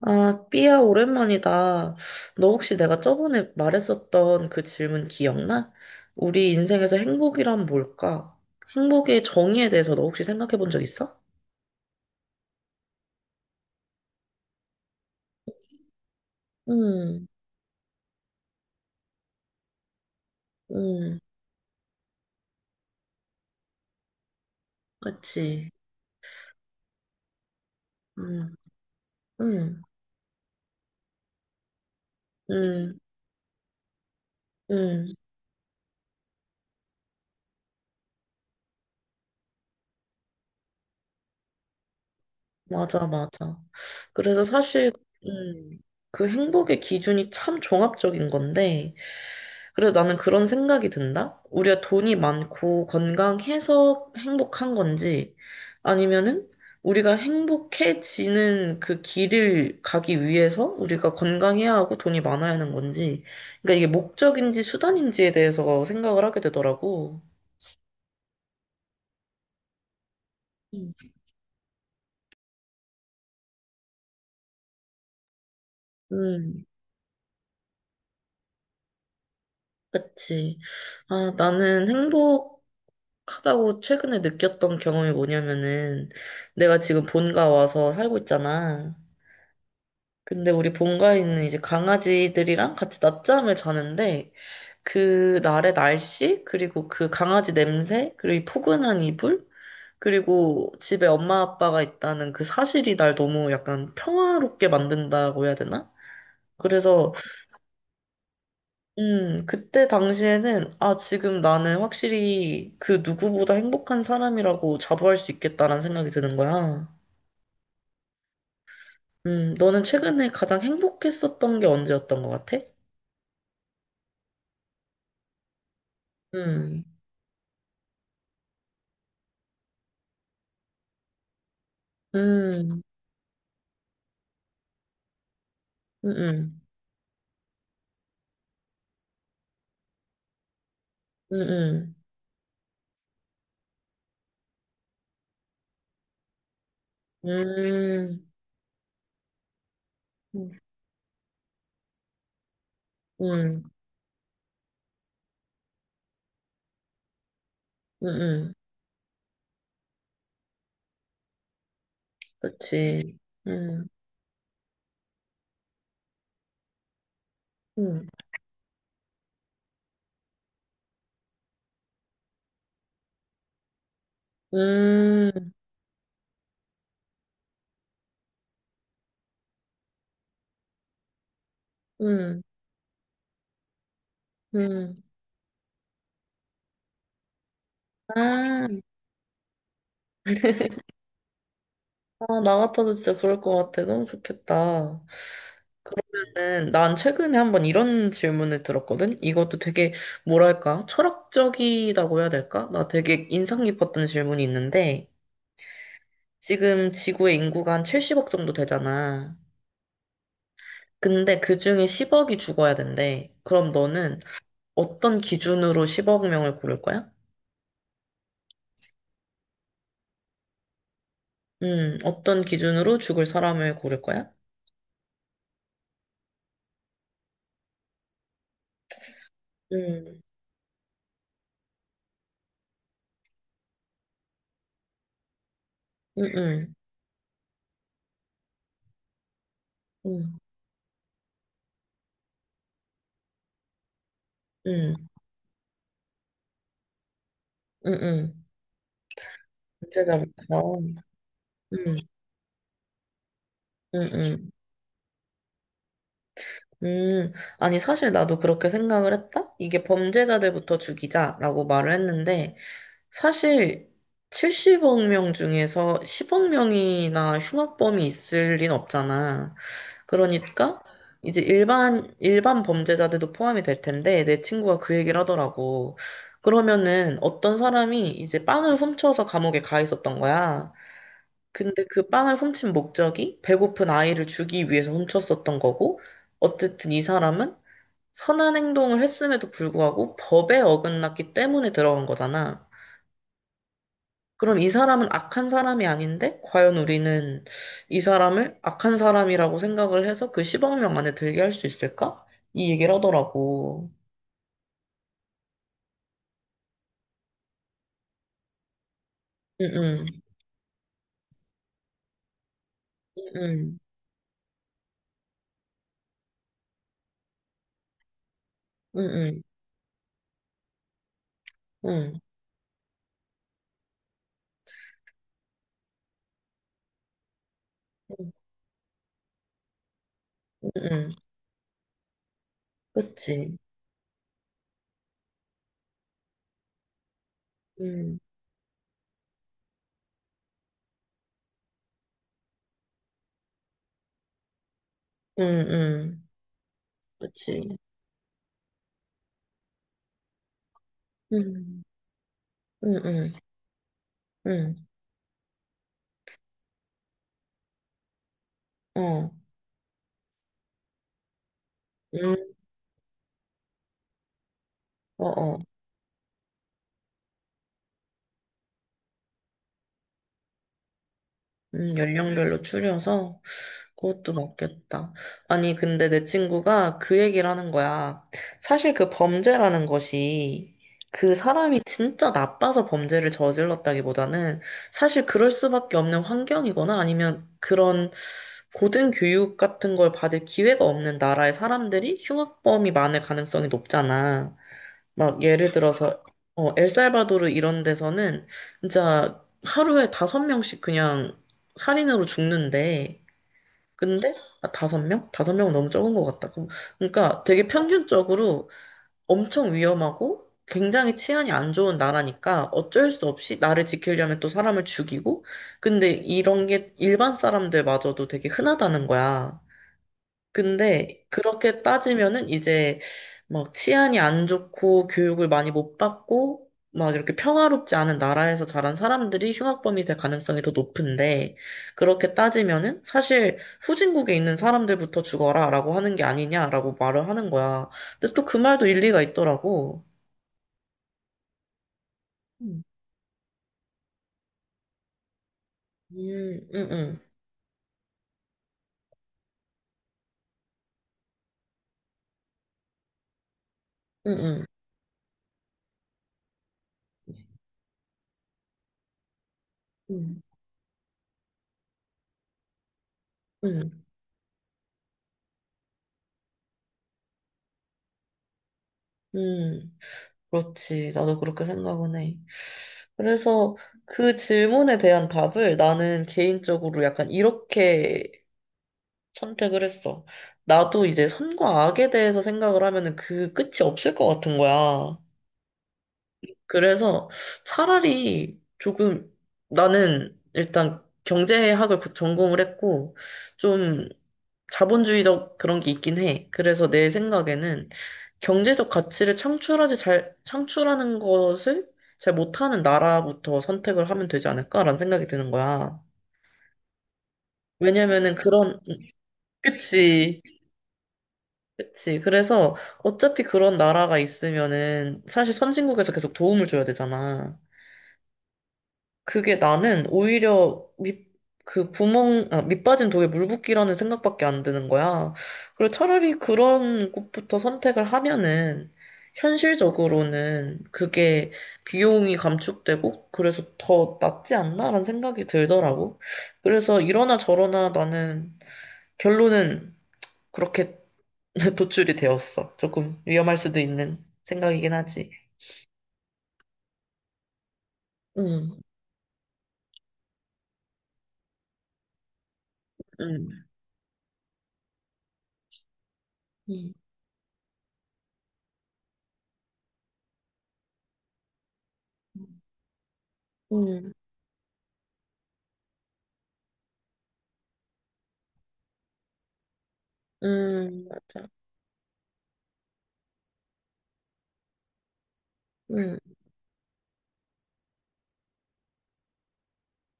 아, 삐야, 오랜만이다. 너 혹시 내가 저번에 말했었던 그 질문 기억나? 우리 인생에서 행복이란 뭘까? 행복의 정의에 대해서 너 혹시 생각해 본 적 있어? 응, 응, 그치. 응, 응, 응, 응, 맞아, 맞아. 그래서 사실, 음, 그 행복의 기준이 참 종합적인 건데, 그래서 나는 그런 생각이 든다. 우리가 돈이 많고 건강해서 행복한 건지 아니면은 우리가 행복해지는 그 길을 가기 위해서 우리가 건강해야 하고 돈이 많아야 하는 건지. 그러니까 이게 목적인지 수단인지에 대해서 생각을 하게 되더라고. 음. 음, 그치. 아, 나는 행복하다고 최근에 느꼈던 경험이 뭐냐면은 내가 지금 본가 와서 살고 있잖아. 근데 우리 본가에는 이제 강아지들이랑 같이 낮잠을 자는데 그 날의 날씨 그리고 그 강아지 냄새 그리고 이 포근한 이불 그리고 집에 엄마 아빠가 있다는 그 사실이 날 너무 약간 평화롭게 만든다고 해야 되나? 그래서 그때 당시에는 아 지금 나는 확실히 그 누구보다 행복한 사람이라고 자부할 수 있겠다라는 생각이 드는 거야. 너는 최근에 가장 행복했었던 게 언제였던 것 같아? 음. 음. 응, 응, 응, 응, 응, 응, 응, 그치. 응, 응, 응, 응, 응. 아, 아, 나 같아도 진짜 그럴 것 같아. 너무 좋겠다. 그러면은, 난 최근에 한번 이런 질문을 들었거든? 이것도 되게, 뭐랄까, 철학적이라고 해야 될까? 나 되게 인상 깊었던 질문이 있는데, 지금 지구의 인구가 한 70억 정도 되잖아. 근데 그 중에 10억이 죽어야 된대. 그럼 너는 어떤 기준으로 10억 명을 고를 거야? 어떤 기준으로 죽을 사람을 고를 거야? 음, 음, 음, 음, 음, 음, 음. 범죄자부터. 음, 음, 음. 음, 아니, 사실 나도 그렇게 생각을 했다? 이게 범죄자들부터 죽이자라고 말을 했는데, 사실 70억 명 중에서 10억 명이나 흉악범이 있을 리는 없잖아. 그러니까 이제 일반 범죄자들도 포함이 될 텐데 내 친구가 그 얘기를 하더라고. 그러면은 어떤 사람이 이제 빵을 훔쳐서 감옥에 가 있었던 거야. 근데 그 빵을 훔친 목적이 배고픈 아이를 주기 위해서 훔쳤었던 거고, 어쨌든 이 사람은 선한 행동을 했음에도 불구하고 법에 어긋났기 때문에 들어간 거잖아. 그럼 이 사람은 악한 사람이 아닌데, 과연 우리는 이 사람을 악한 사람이라고 생각을 해서 그 10억 명 안에 들게 할 수 있을까? 이 얘기를 하더라고. 응, 응, 응, 응, 응, 응, 응, 응, 그치. 응, 응, 응, 그치. 응, 응, 응, 응, 어, 응, 어, 어. 연령별로 추려서 그것도 맞겠다. 아니, 근데 내 친구가 그 얘기를 하는 거야. 사실 그 범죄라는 것이 그 사람이 진짜 나빠서 범죄를 저질렀다기보다는 사실 그럴 수밖에 없는 환경이거나 아니면 그런 고등 교육 같은 걸 받을 기회가 없는 나라의 사람들이 흉악범이 많을 가능성이 높잖아. 막 예를 들어서 어, 엘살바도르 이런 데서는 진짜 하루에 다섯 명씩 그냥 살인으로 죽는데 근데 아, 다섯 명? 다섯 명은 너무 적은 것 같다. 그러니까 되게 평균적으로 엄청 위험하고 굉장히 치안이 안 좋은 나라니까 어쩔 수 없이 나를 지키려면 또 사람을 죽이고 근데 이런 게 일반 사람들마저도 되게 흔하다는 거야. 근데 그렇게 따지면은 이제 막 치안이 안 좋고 교육을 많이 못 받고 막 이렇게 평화롭지 않은 나라에서 자란 사람들이 흉악범이 될 가능성이 더 높은데 그렇게 따지면은 사실 후진국에 있는 사람들부터 죽어라라고 하는 게 아니냐라고 말을 하는 거야. 근데 또 그 말도 일리가 있더라고. 음, 음, 음, 음, 음, 음, 음. 음, 음. 그렇지. 나도 그렇게 생각은 해. 그래서 그 질문에 대한 답을 나는 개인적으로 약간 이렇게 선택을 했어. 나도 이제 선과 악에 대해서 생각을 하면은 그 끝이 없을 것 같은 거야. 그래서 차라리 조금 나는 일단 경제학을 전공을 했고 좀 자본주의적 그런 게 있긴 해. 그래서 내 생각에는 경제적 가치를 창출하는 것을 잘 못하는 나라부터 선택을 하면 되지 않을까라는 생각이 드는 거야. 왜냐면은 그런, 그치, 그치. 그래서 어차피 그런 나라가 있으면은 사실 선진국에서 계속 도움을 줘야 되잖아. 그게 나는 오히려 밑, 그 구멍, 아, 밑 빠진 독에 물 붓기라는 생각밖에 안 드는 거야. 그리고 차라리 그런 곳부터 선택을 하면은 현실적으로는 그게 비용이 감축되고 그래서 더 낫지 않나라는 생각이 들더라고. 그래서 이러나 저러나 나는 결론은 그렇게 도출이 되었어. 조금 위험할 수도 있는 생각이긴 하지. 음, 음, 음, 음, 맞아.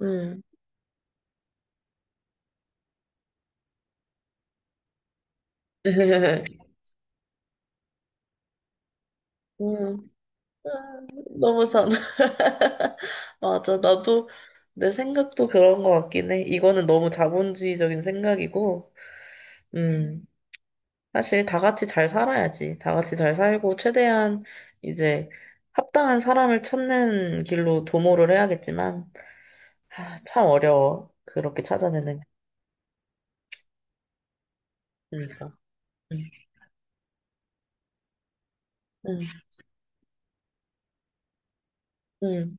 음. 음. 아, 너무 잘. 맞아. 나도 내 생각도 그런 것 같긴 해. 이거는 너무 자본주의적인 생각이고, 음. 사실 다 같이 잘 살아야지. 다 같이 잘 살고, 최대한 이제 합당한 사람을 찾는 길로 도모를 해야겠지만, 아, 참 어려워. 그렇게 찾아내는 러니까 음. 음. 음.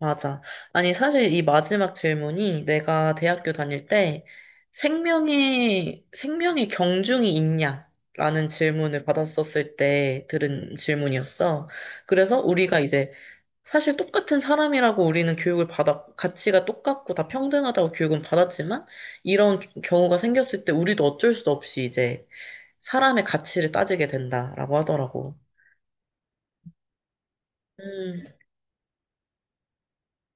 맞아. 아니, 사실 이 마지막 질문이 내가 대학교 다닐 때 생명의 경중이 있냐? 라는 질문을 받았었을 때 들은 질문이었어. 그래서 우리가 이제 사실 똑같은 사람이라고 우리는 가치가 똑같고 다 평등하다고 교육은 받았지만 이런 경우가 생겼을 때 우리도 어쩔 수 없이 이제 사람의 가치를 따지게 된다라고 하더라고. 음,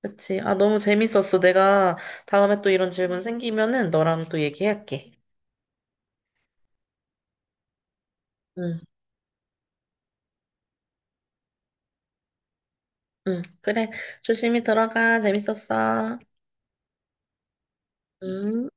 그치. 아, 너무 재밌었어. 내가 다음에 또 이런 질문 생기면은 너랑 또 얘기할게. 응, 응. 그래. 조심히 들어가. 재밌었어. 응.